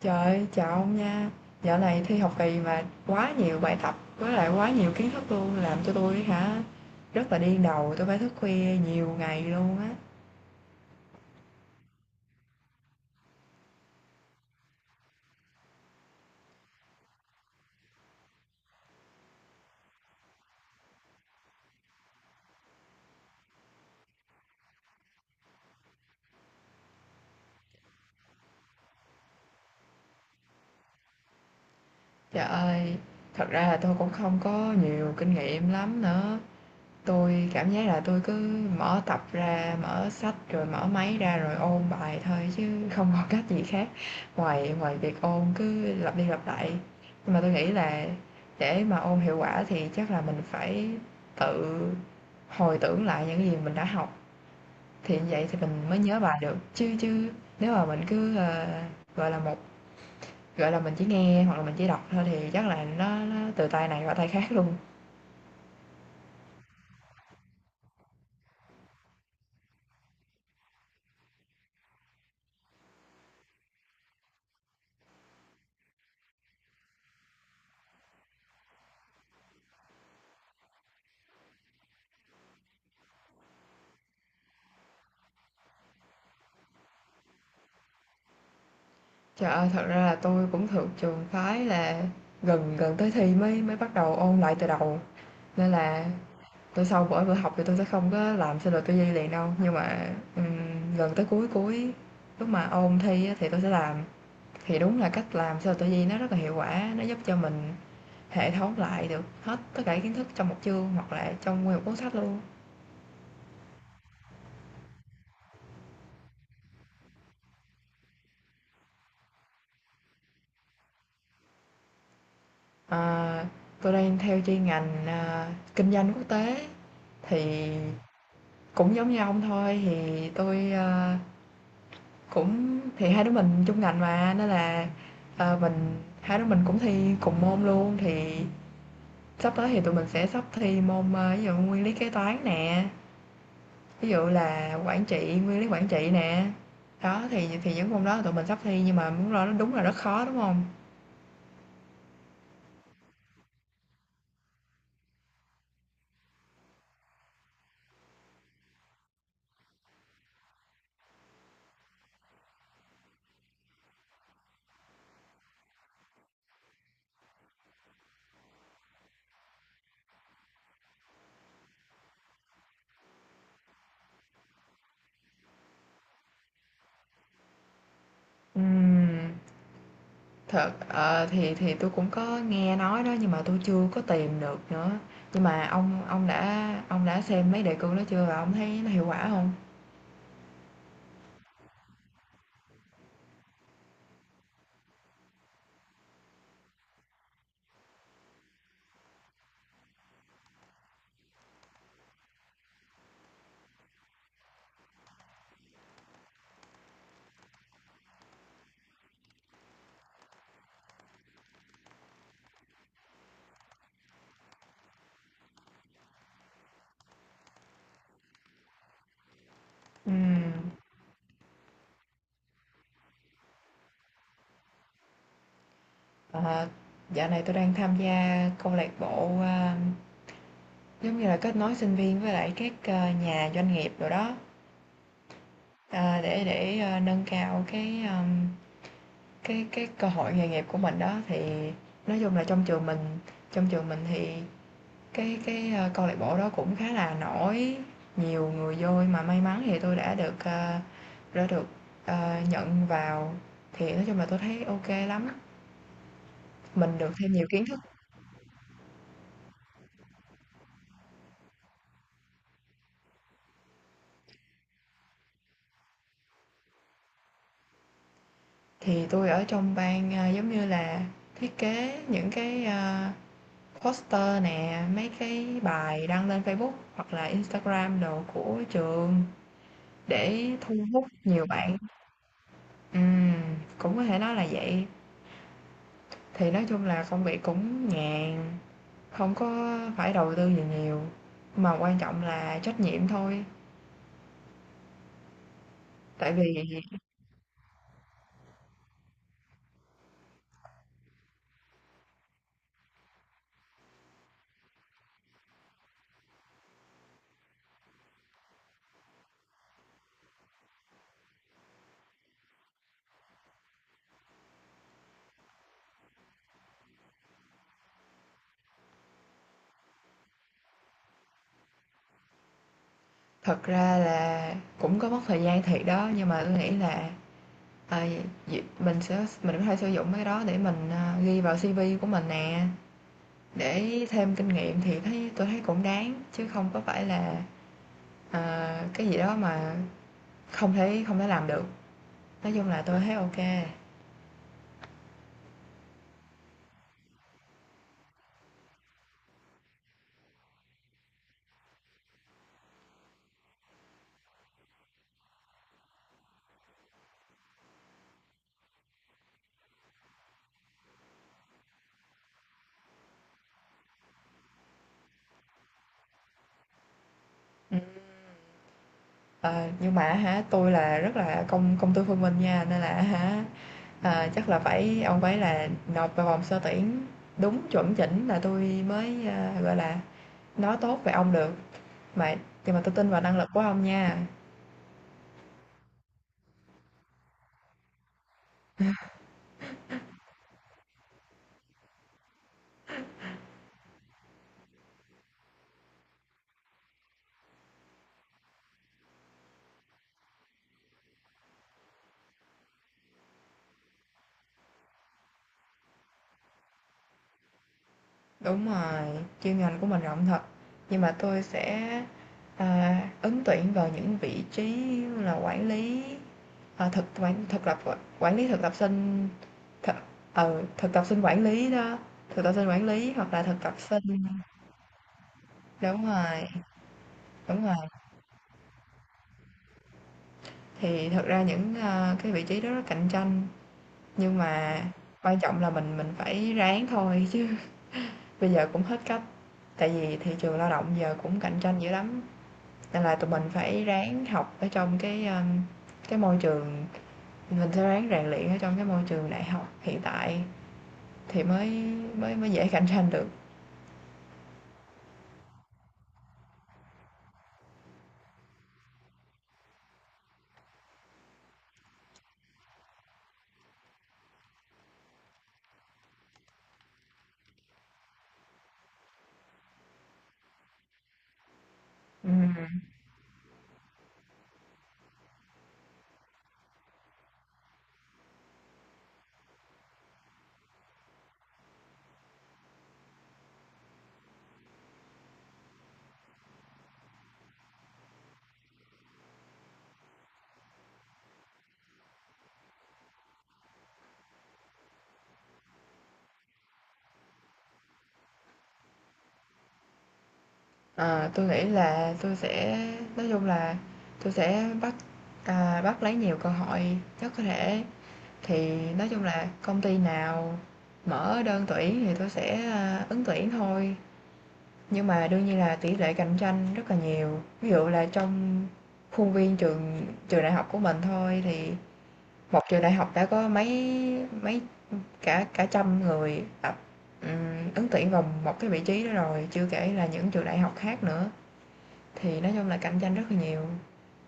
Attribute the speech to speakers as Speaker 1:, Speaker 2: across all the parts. Speaker 1: Trời chào ông nha. Dạo này thi học kỳ mà quá nhiều bài tập, với lại quá nhiều kiến thức luôn, làm cho tôi hả, rất là điên đầu, tôi phải thức khuya nhiều ngày luôn á. Trời ơi, thật ra là tôi cũng không có nhiều kinh nghiệm lắm nữa, tôi cảm giác là tôi cứ mở tập ra, mở sách rồi mở máy ra rồi ôn bài thôi chứ không có cách gì khác ngoài ngoài việc ôn cứ lặp đi lặp lại. Nhưng mà tôi nghĩ là để mà ôn hiệu quả thì chắc là mình phải tự hồi tưởng lại những gì mình đã học thì như vậy thì mình mới nhớ bài được. Chứ chứ nếu mà mình cứ gọi là một gọi là mình chỉ nghe hoặc là mình chỉ đọc thôi thì chắc là nó từ tay này qua tay khác luôn. Trời ơi, thật ra là tôi cũng thuộc trường phái là gần gần tới thi mới mới bắt đầu ôn lại từ đầu, nên là tôi sau mỗi bữa học thì tôi sẽ không có làm CLTV liền đâu, nhưng mà, gần tới cuối cuối lúc mà ôn thi á thì tôi sẽ làm. Thì đúng là cách làm CLTV nó rất là hiệu quả, nó giúp cho mình hệ thống lại được hết tất cả kiến thức trong một chương hoặc là trong nguyên một cuốn sách luôn. Ờ, tui đang theo chuyên ngành, kinh doanh quốc tế thì cũng giống như ông thôi, thì tôi cũng thì hai đứa mình chung ngành mà, nên là, mình hai đứa mình cũng thi cùng môn luôn, thì sắp tới thì tụi mình sẽ sắp thi môn, ví dụ nguyên lý kế toán nè, ví dụ là quản trị, nguyên lý quản trị nè. Đó, thì những môn đó tụi mình sắp thi nhưng mà muốn lo nó đúng là rất khó, đúng không? Ừm. Thật thì tôi cũng có nghe nói đó, nhưng mà tôi chưa có tìm được nữa. Nhưng mà ông đã xem mấy đề cương đó chưa và ông thấy nó hiệu quả không? Ừm, ờ, dạo này tôi đang tham gia câu lạc bộ, giống như là kết nối sinh viên với lại các, nhà doanh nghiệp rồi đó, ờ, để nâng cao cái, cái cơ hội nghề nghiệp của mình đó. Thì nói chung là trong trường mình thì câu lạc bộ đó cũng khá là nổi, nhiều người vô mà may mắn thì tôi đã được, a, đã được, ờ, nhận vào, thì nói chung là tôi thấy ok lắm. Mình được thêm nhiều kiến thức, thì tôi ở trong ban, giống như là thiết kế những cái, poster nè, mấy cái bài đăng lên Facebook hoặc là Instagram đồ của trường để thu hút nhiều bạn. ừm, Cũng có thể nói là vậy. Thì nói chung là công việc cũng nhàn, không có phải đầu tư gì nhiều, mà quan trọng là trách nhiệm thôi. Tại vì thật ra là cũng có mất thời gian thiệt đó, nhưng mà tôi nghĩ là, ờ, việc mình sẽ mình có thể sử dụng cái đó để mình, ghi vào CV của mình nè, để thêm kinh nghiệm thì thấy tôi thấy cũng đáng, chứ không có phải là, ờ, cái gì đó mà không thể làm được. Nói chung là tôi thấy ok kê. Ờ, nhưng mà hả, tôi là rất là công công tư phân minh nha, nên là hả, ờ, chắc là phải ông phải là nộp vào vòng sơ tuyển đúng chuẩn chỉnh là tôi mới, gọi là, nói tốt về ông được. Mà nhưng mà tôi tin vào năng lực của ông nha. Đúng rồi, chuyên ngành của mình rộng thật, nhưng mà tôi sẽ, ứng tuyển vào những vị trí như là quản lý, ờ, thực quản thực lập quản lý thực tập sinh, thực ừ, thực tập sinh quản lý đó, thực tập sinh quản lý hoặc là thực tập sinh. Đúng rồi, đúng rồi. Thì thật ra những, cái vị trí đó rất cạnh tranh, nhưng mà quan trọng là mình phải ráng thôi chứ bây giờ cũng hết cách. Tại vì thị trường lao động giờ cũng cạnh tranh dữ lắm, nên là tụi mình phải ráng học ở trong cái, cái môi trường mình sẽ ráng rèn luyện ở trong cái môi trường đại học hiện tại thì mới mới mới dễ cạnh tranh được. Ừm, ờ, Tui nghĩ là tôi sẽ nói chung là tôi sẽ bắt lấy nhiều cơ hội nhất có thể. Thì nói chung là công ty nào mở đơn tuyển thì tôi sẽ, ứng tuyển thôi, nhưng mà đương nhiên là tỷ lệ cạnh tranh rất là nhiều. Ví dụ là trong khuôn viên trường trường đại học của mình thôi thì một trường đại học đã có mấy mấy cả cả trăm người tập, ứng tuyển vào một cái vị trí đó rồi, chưa kể là những trường đại học khác nữa. Thì nói chung là cạnh tranh rất là nhiều,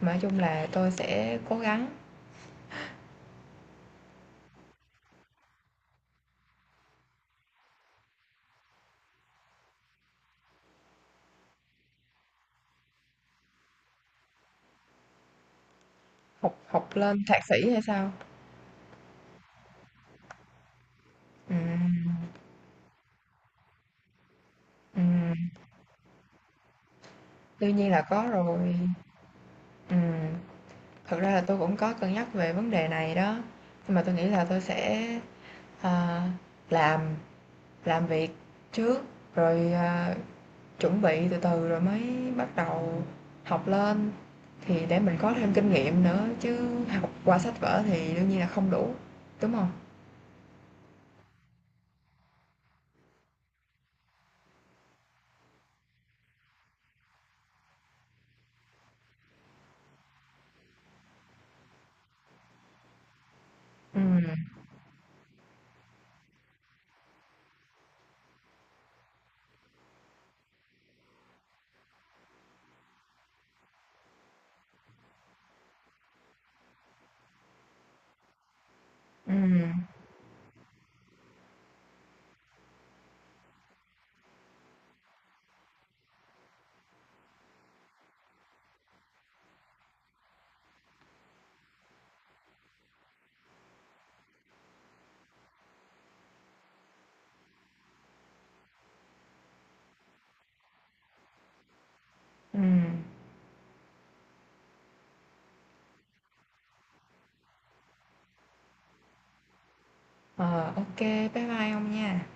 Speaker 1: mà nói chung là tôi sẽ cố gắng học, học lên thạc sĩ hay sao. Ừm, ừm. Đương nhiên là có rồi, ừm, thật ra là tôi cũng có cân nhắc về vấn đề này đó, nhưng mà tôi nghĩ là tôi sẽ, ờ, làm làm việc trước, rồi, chuẩn bị từ từ rồi mới bắt đầu học lên, thì để mình có thêm kinh nghiệm nữa, chứ học qua sách vở thì đương nhiên là không đủ, đúng không? Ừm, ừm, ừm, ờ, Ô, bye bye ông nha.